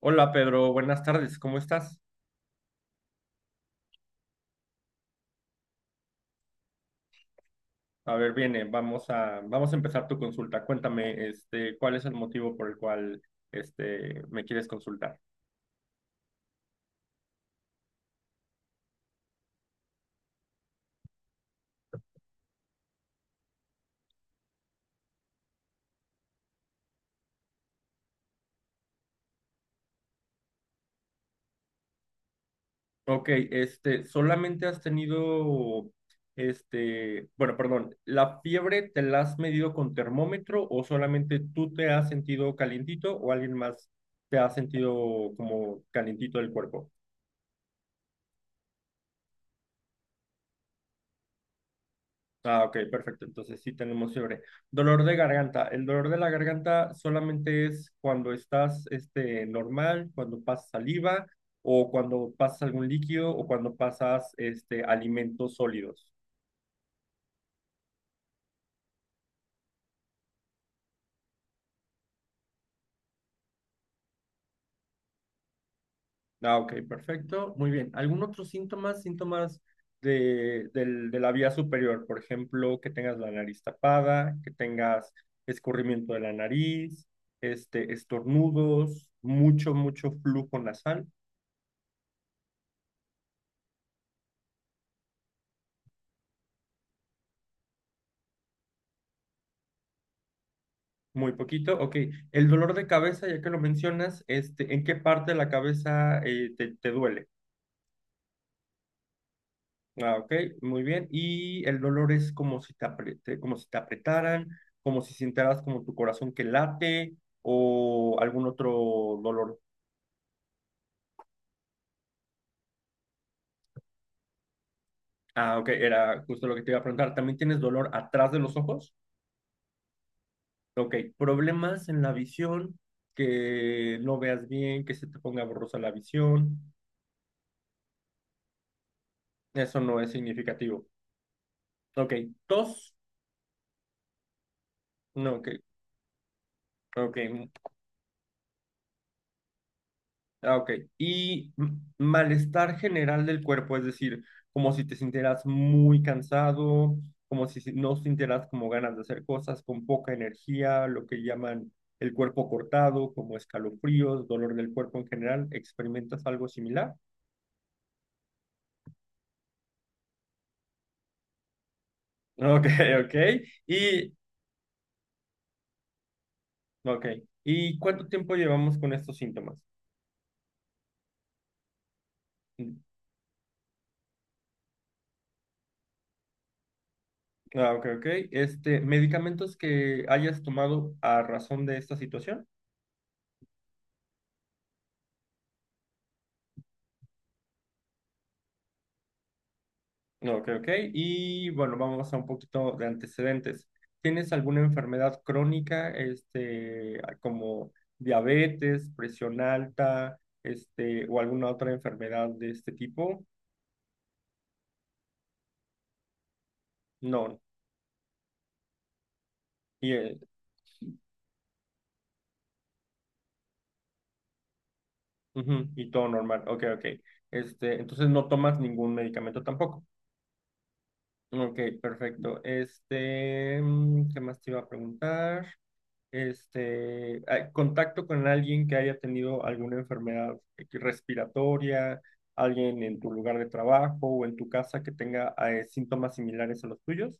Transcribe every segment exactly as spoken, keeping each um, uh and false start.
Hola Pedro, buenas tardes, ¿cómo estás? A ver, viene, vamos a, vamos a empezar tu consulta. Cuéntame, este, ¿cuál es el motivo por el cual, este, me quieres consultar? Ok, este, solamente has tenido, este, bueno, perdón, ¿la fiebre te la has medido con termómetro o solamente tú te has sentido calientito o alguien más te ha sentido como calientito del cuerpo? Ah, ok, perfecto. Entonces sí tenemos fiebre. Dolor de garganta. El dolor de la garganta solamente es cuando estás este, normal, cuando pasas saliva o cuando pasas algún líquido o cuando pasas este, alimentos sólidos. Ah, ok, perfecto. Muy bien. ¿Algún otro síntoma? Síntomas de, del- de la vía superior. Por ejemplo, que tengas la nariz tapada, que tengas escurrimiento de la nariz, este, estornudos, mucho, mucho flujo nasal. Muy poquito, ok. El dolor de cabeza, ya que lo mencionas, este, ¿en qué parte de la cabeza eh, te, te duele? Ah, ok, muy bien. Y el dolor es como si te apre- te- como si te apretaran, como si sintieras como tu corazón que late o algún otro dolor. Ah, ok, era justo lo que te iba a preguntar. ¿También tienes dolor atrás de los ojos? Ok, problemas en la visión, que no veas bien, que se te ponga borrosa la visión. Eso no es significativo. Ok, tos. No, ok. Ok, mm, ah, ok. Y mm, malestar general del cuerpo, es decir, como si te sintieras muy cansado, como si si- no sintieras como ganas de hacer cosas, con poca energía, lo que llaman el cuerpo cortado, como escalofríos, dolor del cuerpo en general, ¿experimentas algo similar? Ok, ok. Y, ok. ¿Y cuánto tiempo llevamos con estos síntomas? Mm, Ah, ok, ok. Este, ¿medicamentos que hayas tomado a razón de esta situación? No, ok, ok. Y bueno, vamos a un poquito de antecedentes. ¿Tienes alguna enfermedad crónica, este, como diabetes, presión alta, este, o alguna otra enfermedad de este tipo? No. Y, eh, ujú, y todo normal. Ok, ok. Este, entonces no tomas ningún medicamento tampoco. Ok, perfecto. Este, mm, ¿qué más te iba a preguntar? este, a- contacto con alguien que haya tenido alguna enfermedad respiratoria, alguien en tu lugar de trabajo o en tu casa que tenga eh, síntomas similares a los tuyos.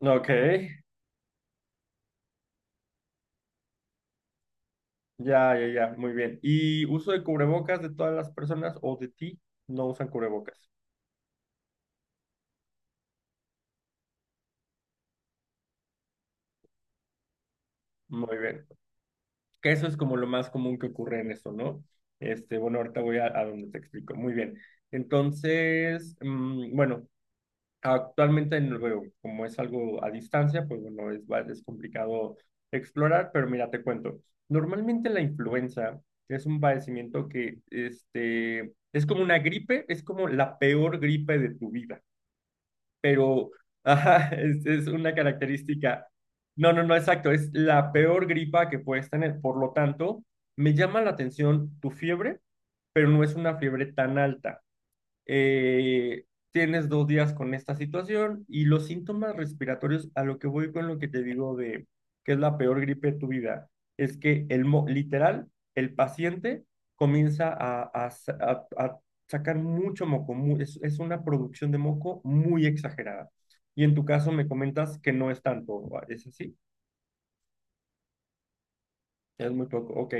Ok, ya, ya, ya, muy bien. ¿Y uso de cubrebocas de todas las personas o de ti? No usan cubrebocas. Muy bien. Que eso es como lo más común que ocurre en eso, ¿no? Este, bueno, ahorita voy a, a donde te explico. Muy bien. Entonces, mm, bueno, actualmente no lo veo, como es algo a distancia, pues bueno, es, va- es complicado explorar, pero mira, te cuento. Normalmente la influenza es un padecimiento que este, es como una gripe, es como la peor gripe de tu vida, pero ajá, es, es una característica. No, no, no, exacto, es la peor gripa que puedes tener. Por lo tanto, me llama la atención tu fiebre, pero no es una fiebre tan alta. eh, Tienes dos días con esta situación y los síntomas respiratorios, a lo que voy con lo que te digo de que es la peor gripe de tu vida, es que el mo- literal, el paciente comienza a, a sa- a- a sacar mucho moco, mu- es, es una producción de moco muy exagerada. Y en tu caso me comentas que no es tanto, ¿es así? Es muy poco, ok.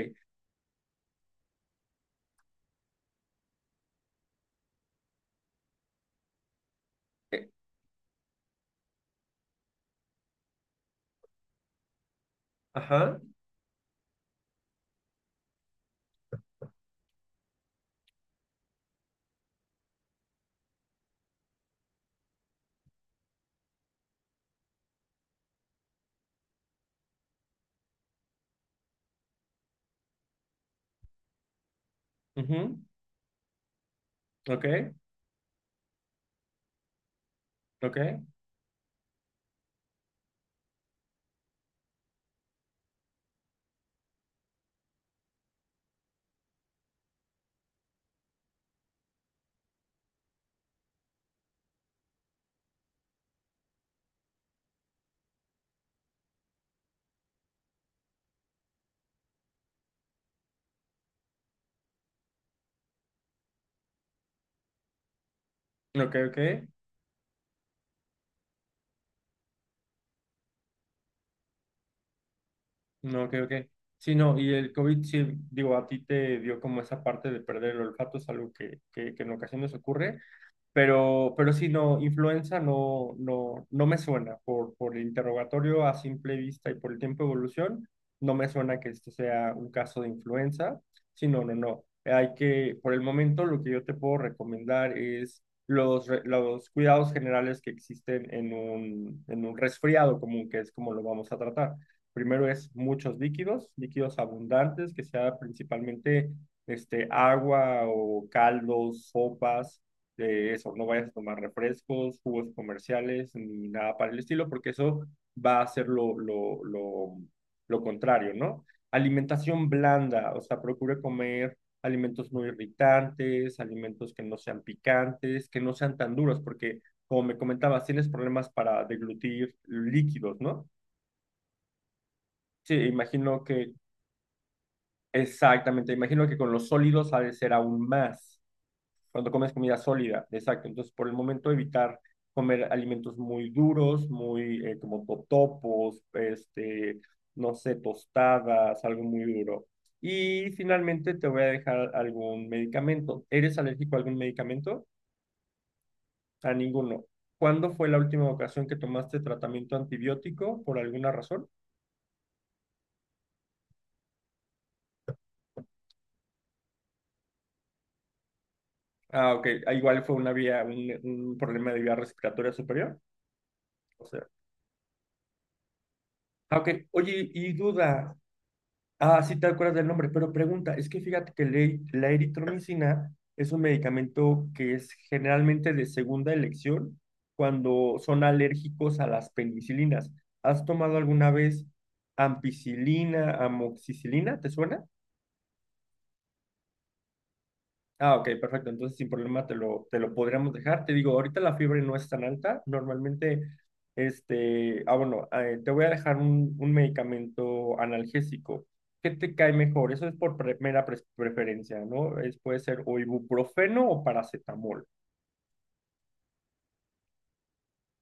Eh, Ajá, ujú, ok, ok, ok, ok. No, creo que sí, no, y el COVID, sí, digo, a ti te dio como esa parte de perder el olfato, es algo que, que, que en ocasiones ocurre. Pero, pero sí, no, influenza no, no, no me suena por, por el interrogatorio a simple vista y por el tiempo de evolución, no me suena que esto sea un caso de influenza. Sí, no, no, no. Hay que, por el momento, lo que yo te puedo recomendar es los, re- los cuidados generales que existen en un, en un resfriado común, que es como lo vamos a tratar. Primero es muchos líquidos, líquidos abundantes, que sea principalmente este, agua o caldos, sopas de eso, no vayas a tomar refrescos, jugos comerciales, ni nada para el estilo, porque eso va a ser lo, lo, lo, lo contrario, ¿no? Alimentación blanda, o sea, procure comer alimentos no irritantes, alimentos que no sean picantes, que no sean tan duros, porque como me comentabas, tienes problemas para deglutir líquidos, ¿no? Sí, imagino que, exactamente, imagino que con los sólidos ha de ser aún más. Cuando comes comida sólida, exacto. Entonces, por el momento evitar comer alimentos muy duros, muy eh, como totopos, este, no sé, tostadas, algo muy duro. Y finalmente te voy a dejar algún medicamento. ¿Eres alérgico a algún medicamento? A ninguno. ¿Cuándo fue la última ocasión que tomaste tratamiento antibiótico por alguna razón? Ah, ok. Ah, igual fue una vía, un, un problema de vía respiratoria superior. O sea, ah, ok. Oye, y duda, ah, sí te acuerdas del nombre, pero pregunta, es que fíjate que la e- la eritromicina es un medicamento que es generalmente de segunda elección cuando son alérgicos a las penicilinas. ¿Has tomado alguna vez ampicilina, amoxicilina? ¿Te suena? Ah, ok, perfecto. Entonces, sin problema, te lo, te lo podríamos dejar. Te digo, ahorita la fiebre no es tan alta. Normalmente, este, ah, bueno, eh, te voy a dejar un, un medicamento analgésico. ¿Qué te cae mejor? Eso es por pre- mera pres- preferencia, ¿no? Es, puede ser o ibuprofeno o paracetamol.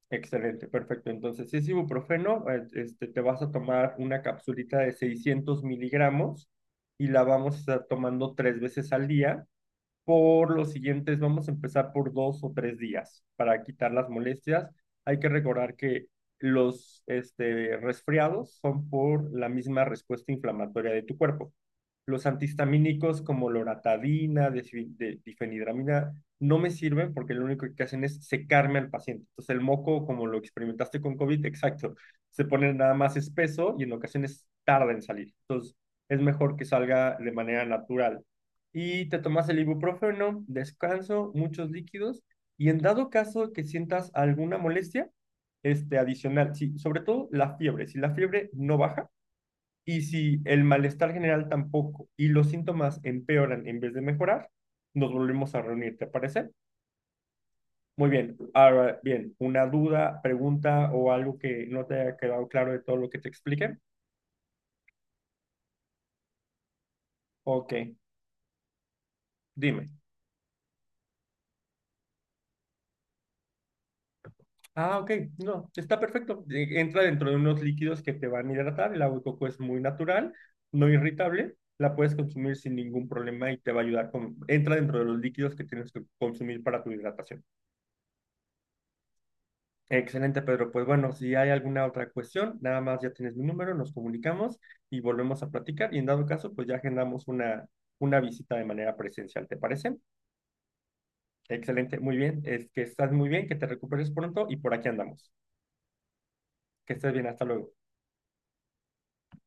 Excelente, perfecto. Entonces, si es ibuprofeno, eh, este, te vas a tomar una capsulita de seiscientos miligramos y la vamos a estar tomando tres veces al día por los siguientes, vamos a empezar por dos o tres días para quitar las molestias. Hay que recordar que los este, resfriados son por la misma respuesta inflamatoria de tu cuerpo. Los antihistamínicos como loratadina, de- difenidramina, no me sirven porque lo único que hacen es secarme al paciente. Entonces el moco, como lo experimentaste con COVID, exacto, se pone nada más espeso y en ocasiones tarda en salir. Entonces es mejor que salga de manera natural y te tomas el ibuprofeno, descanso, muchos líquidos y en dado caso que sientas alguna molestia, este adicional, sí, sobre todo la fiebre, si la fiebre no baja y si el malestar general tampoco y los síntomas empeoran en vez de mejorar, nos volvemos a reunir, ¿te parece? Muy bien, ahora bien, una duda, pregunta o algo que no te haya quedado claro de todo lo que te expliqué. Ok, dime. Ah, ok, no, está perfecto. Eh, Entra dentro de unos líquidos que te van a hidratar. El agua de coco es muy natural, no irritable. La puedes consumir sin ningún problema y te va a ayudar con... Entra dentro de los líquidos que tienes que consumir para tu hidratación. Excelente, Pedro. Pues bueno, si hay alguna otra cuestión, nada más ya tienes mi número, nos comunicamos y volvemos a platicar. Y en dado caso, pues ya agendamos una, una visita de manera presencial, ¿te parece? Excelente, muy bien. Es que estás muy bien, que te recuperes pronto y por aquí andamos. Que estés bien, hasta luego.